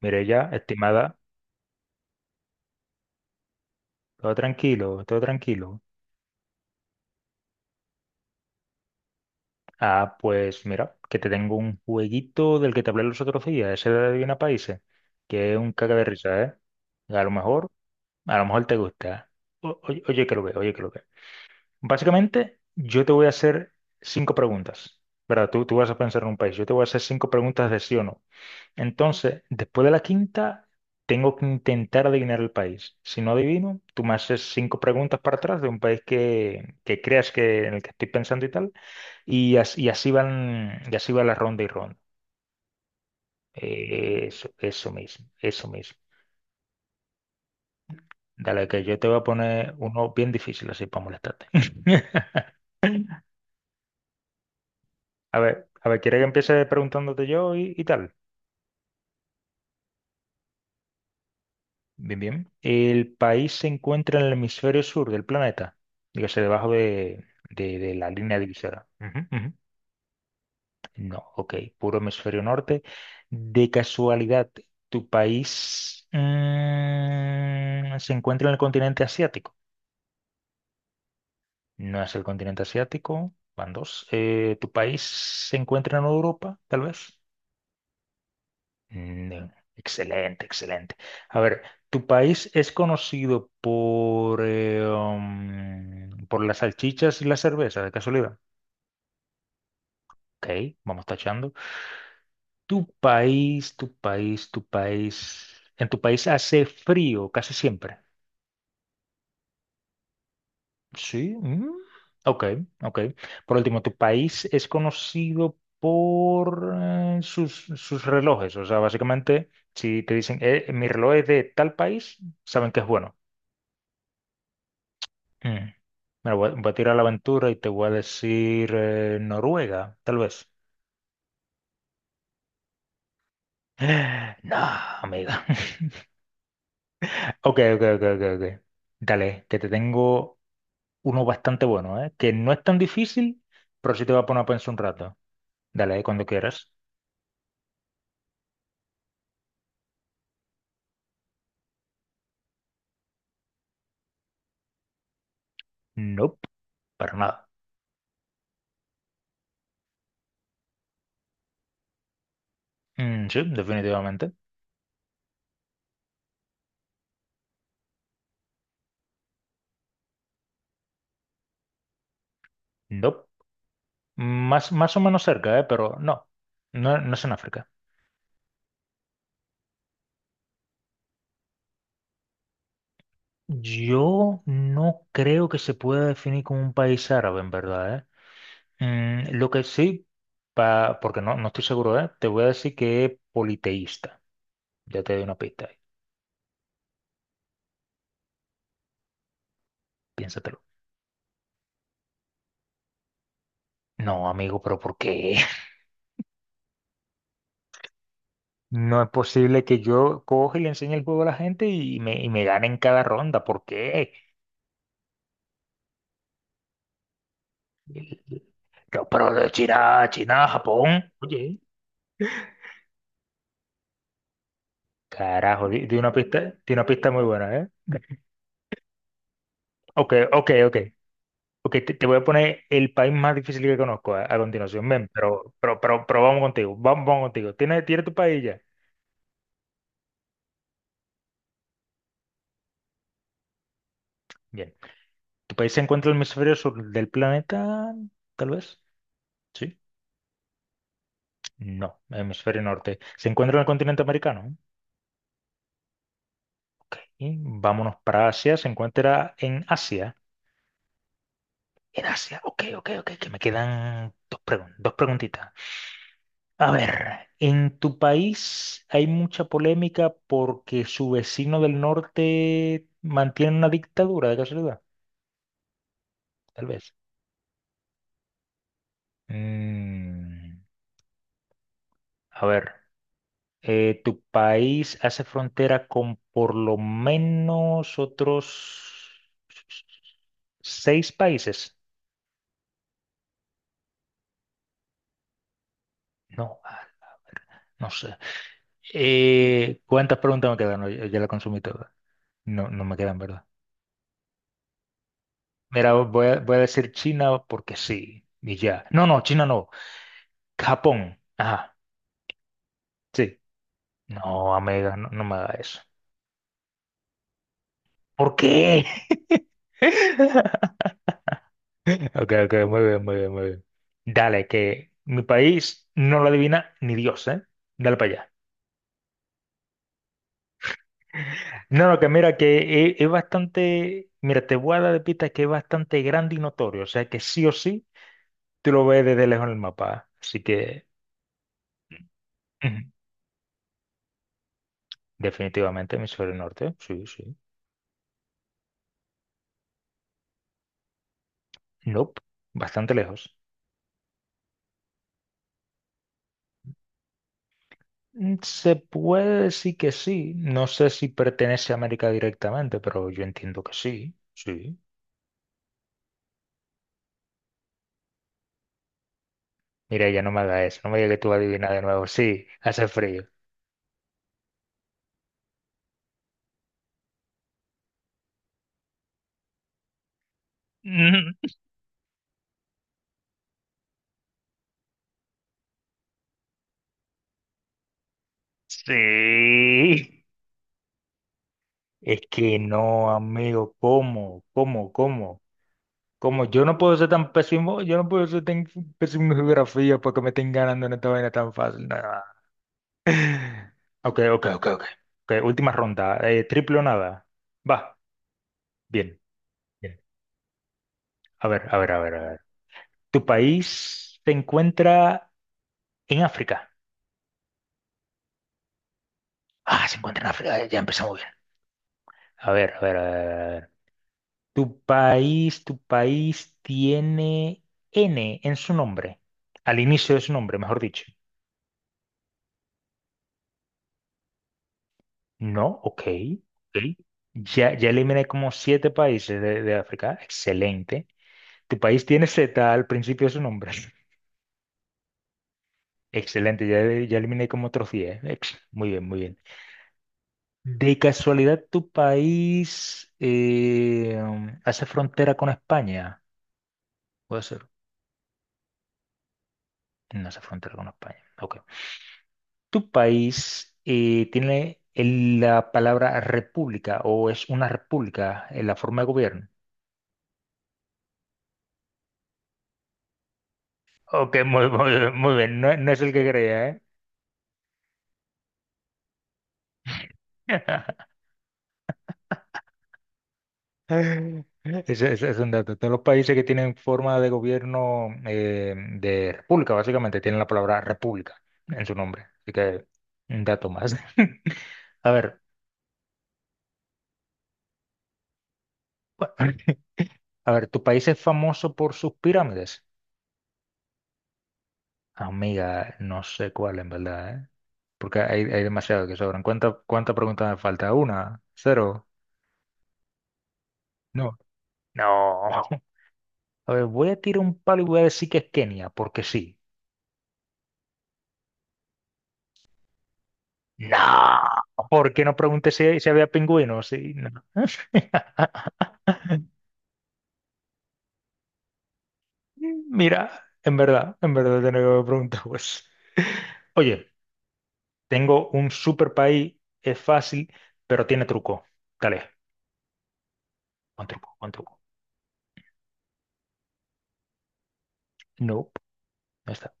Mirella, estimada, todo tranquilo, todo tranquilo. Ah, pues mira, que te tengo un jueguito del que te hablé los otros días, ese de Adivina Países, que es un caca de risa, ¿eh? A lo mejor, a lo mejor te gusta. Oye, oye que lo ve, oye que lo ve. Básicamente, yo te voy a hacer cinco preguntas, ¿verdad? Tú vas a pensar en un país, yo te voy a hacer cinco preguntas de sí o no. Entonces, después de la quinta, tengo que intentar adivinar el país. Si no adivino, tú me haces cinco preguntas para atrás de un país que creas que en el que estoy pensando y tal, y así van, y así va la ronda y ronda. Eso, eso mismo, eso mismo. Dale, que yo te voy a poner uno bien difícil así para molestarte. A ver, ¿quieres que empiece preguntándote yo y tal? Bien, bien. El país se encuentra en el hemisferio sur del planeta, dígase debajo de, de la línea divisora. Ujú, ujú. No, ok, puro hemisferio norte. De casualidad, ¿tu país se encuentra en el continente asiático? No es el continente asiático, van dos. ¿Tu país se encuentra en Europa, tal vez? Excelente, excelente. A ver, ¿tu país es conocido por las salchichas y la cerveza, de casualidad? Ok, vamos tachando. ¿En tu país hace frío casi siempre? Sí. Ok, ok. Por último, ¿tu país es conocido por sus relojes? O sea, básicamente, si te dicen, mi reloj es de tal país, saben que es bueno. Mm. Mira, voy a tirar la aventura y te voy a decir Noruega, tal vez. No, amiga. Ok, ok, ok, ok, ok. Dale, que te tengo uno bastante bueno, ¿eh? Que no es tan difícil, pero sí te va a poner a pensar un rato. Dale, cuando quieras. Nope, para nada. Sí, definitivamente. Nope. Más o menos cerca, ¿eh? Pero no. No, no es en África. Yo no creo que se pueda definir como un país árabe, en verdad, ¿eh? Lo que sí, porque no estoy seguro, ¿eh? Te voy a decir que es politeísta. Ya te doy una pista ahí. Piénsatelo. No, amigo, pero ¿por qué? No es posible que yo coge y le enseñe el juego a la gente y me gane en cada ronda. ¿Por qué? Yo, pero de China, China, Japón. Oye. Carajo, di una pista, di una pista muy buena, ¿eh? Ok, ok, ok. Ok, te voy a poner el país más difícil que conozco a continuación. Ven, pero vamos contigo. Vamos, vamos contigo. ¿Tienes tu país ya? Bien. ¿Tu país se encuentra en el hemisferio sur del planeta? Tal vez. Sí. No, hemisferio norte. ¿Se encuentra en el continente americano? Ok. Vámonos para Asia. ¿Se encuentra en Asia? En Asia. Ok, ok, ok. Que me quedan dos preguntitas. A ver, en tu país hay mucha polémica porque su vecino del norte mantiene una dictadura de casualidad. Tal vez. Mm, a ver. ¿Tu país hace frontera con por lo menos otros seis países? No, no sé. ¿Cuántas preguntas me quedan? No, ya la consumí toda. No, no me quedan, ¿verdad? Mira, voy a decir China porque sí, y ya. No, no, China no. Japón. Ajá, sí. No, amiga, no, no me haga eso. ¿Por qué? Ok, ok, muy bien, muy bien, muy bien. Dale, que mi país no lo adivina ni Dios, ¿eh? Dale para allá. No, no, que mira que es bastante, mira, te voy a dar de pista que es bastante grande y notorio, o sea que sí o sí, tú lo ves desde lejos en el mapa, así que ujú, definitivamente hemisferio norte, sí, sí, nope, bastante lejos. Se puede decir que sí, no sé si pertenece a América directamente, pero yo entiendo que sí, sí. Mira, ya no me hagas eso. No me digas que tú vas a adivinar de nuevo. Sí, hace frío. Mm, Sí. Es que no, amigo. ¿Cómo? ¿Cómo? ¿Cómo? ¿Cómo? Yo no puedo ser tan pésimo. Yo no puedo ser tan pésimo en geografía porque me estén ganando en esta vaina tan fácil. Nada. Ok, ok, ok, ok. Ok, última ronda. Triple o nada. Va. Bien, bien. A ver, a ver, a ver, a ver. ¿Tu país se encuentra en África? Ah, se encuentra en África. Ya empezamos bien. A ver, a ver, a ver. Tu país tiene N en su nombre, al inicio de su nombre, mejor dicho. No, ok, ok. Ya eliminé como siete países de África. Excelente. Tu país tiene Z al principio de su nombre. Excelente, ya eliminé como otros 10. Muy bien, muy bien. De casualidad, ¿tu país hace frontera con España? Puede ser. No hace frontera con España. Ok. ¿Tu país tiene la palabra república o es una república en la forma de gobierno? Ok, muy, muy, muy bien, no, no es el que creía, ¿eh? Ese es un dato. Todos los países que tienen forma de gobierno de república, básicamente, tienen la palabra república en su nombre. Así que un dato más. A ver, a ver, ¿tu país es famoso por sus pirámides? Amiga, no sé cuál en verdad, ¿eh? Porque hay demasiado que sobran. ¿Cuánta pregunta me falta? ¿Una? ¿Cero? No. No. A ver, voy a tirar un palo y voy a decir que es Kenia, porque sí. No. Porque no pregunté si había pingüinos? Sí, no. Mira, en verdad tenía que haber preguntado eso. Oye, tengo un super país, es fácil, pero tiene truco. Dale, con truco, con truco. No, no está.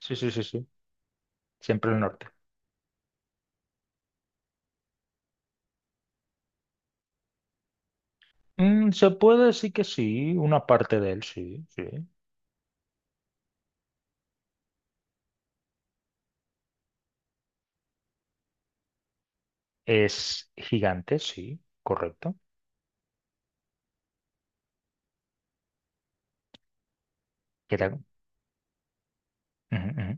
Sí, sí, sí, sí. Siempre el norte. Se puede decir que sí, una parte de él, sí, sí. Es gigante, sí, correcto. ¿Qué tal? Ujú, ujú.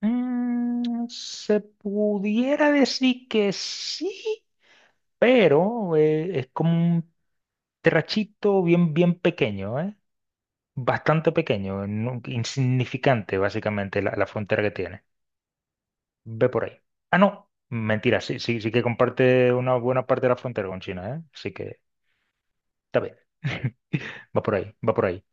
Se pudiera decir que sí, pero es como un trachito bien, bien pequeño, ¿eh? Bastante pequeño, insignificante básicamente la frontera que tiene. Ve por ahí. Ah, no, mentira, sí, sí, sí que comparte una buena parte de la frontera con China, ¿eh? Así que está bien. Va por ahí, va por ahí.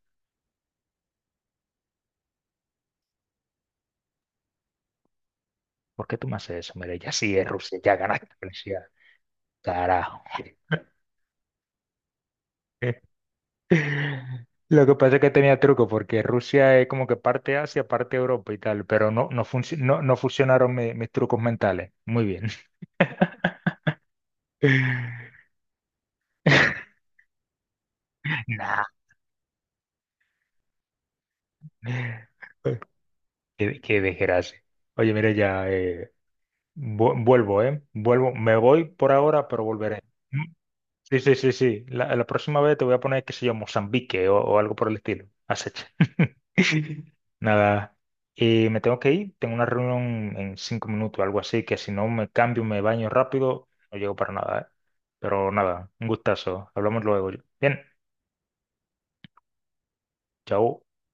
¿Por qué tú me haces eso? Mira, ya sí es Rusia, ya ganaste Rusia. Carajo. Lo que pasa es que tenía truco, porque Rusia es como que parte Asia, parte Europa y tal, pero no funcionaron mis trucos mentales. Muy bien. Nah. Qué desgracia. Oye, mira, ya vuelvo, ¿eh? Vuelvo, me voy por ahora, pero volveré. Sí, sí, sí, sí. La próxima vez te voy a poner, qué sé yo, Mozambique o algo por el estilo. Acecha. Nada. Y me tengo que ir. Tengo una reunión en 5 minutos, algo así, que si no me cambio, me baño rápido, no llego para nada, ¿eh? Pero nada, un gustazo. Hablamos luego. Bien, chao.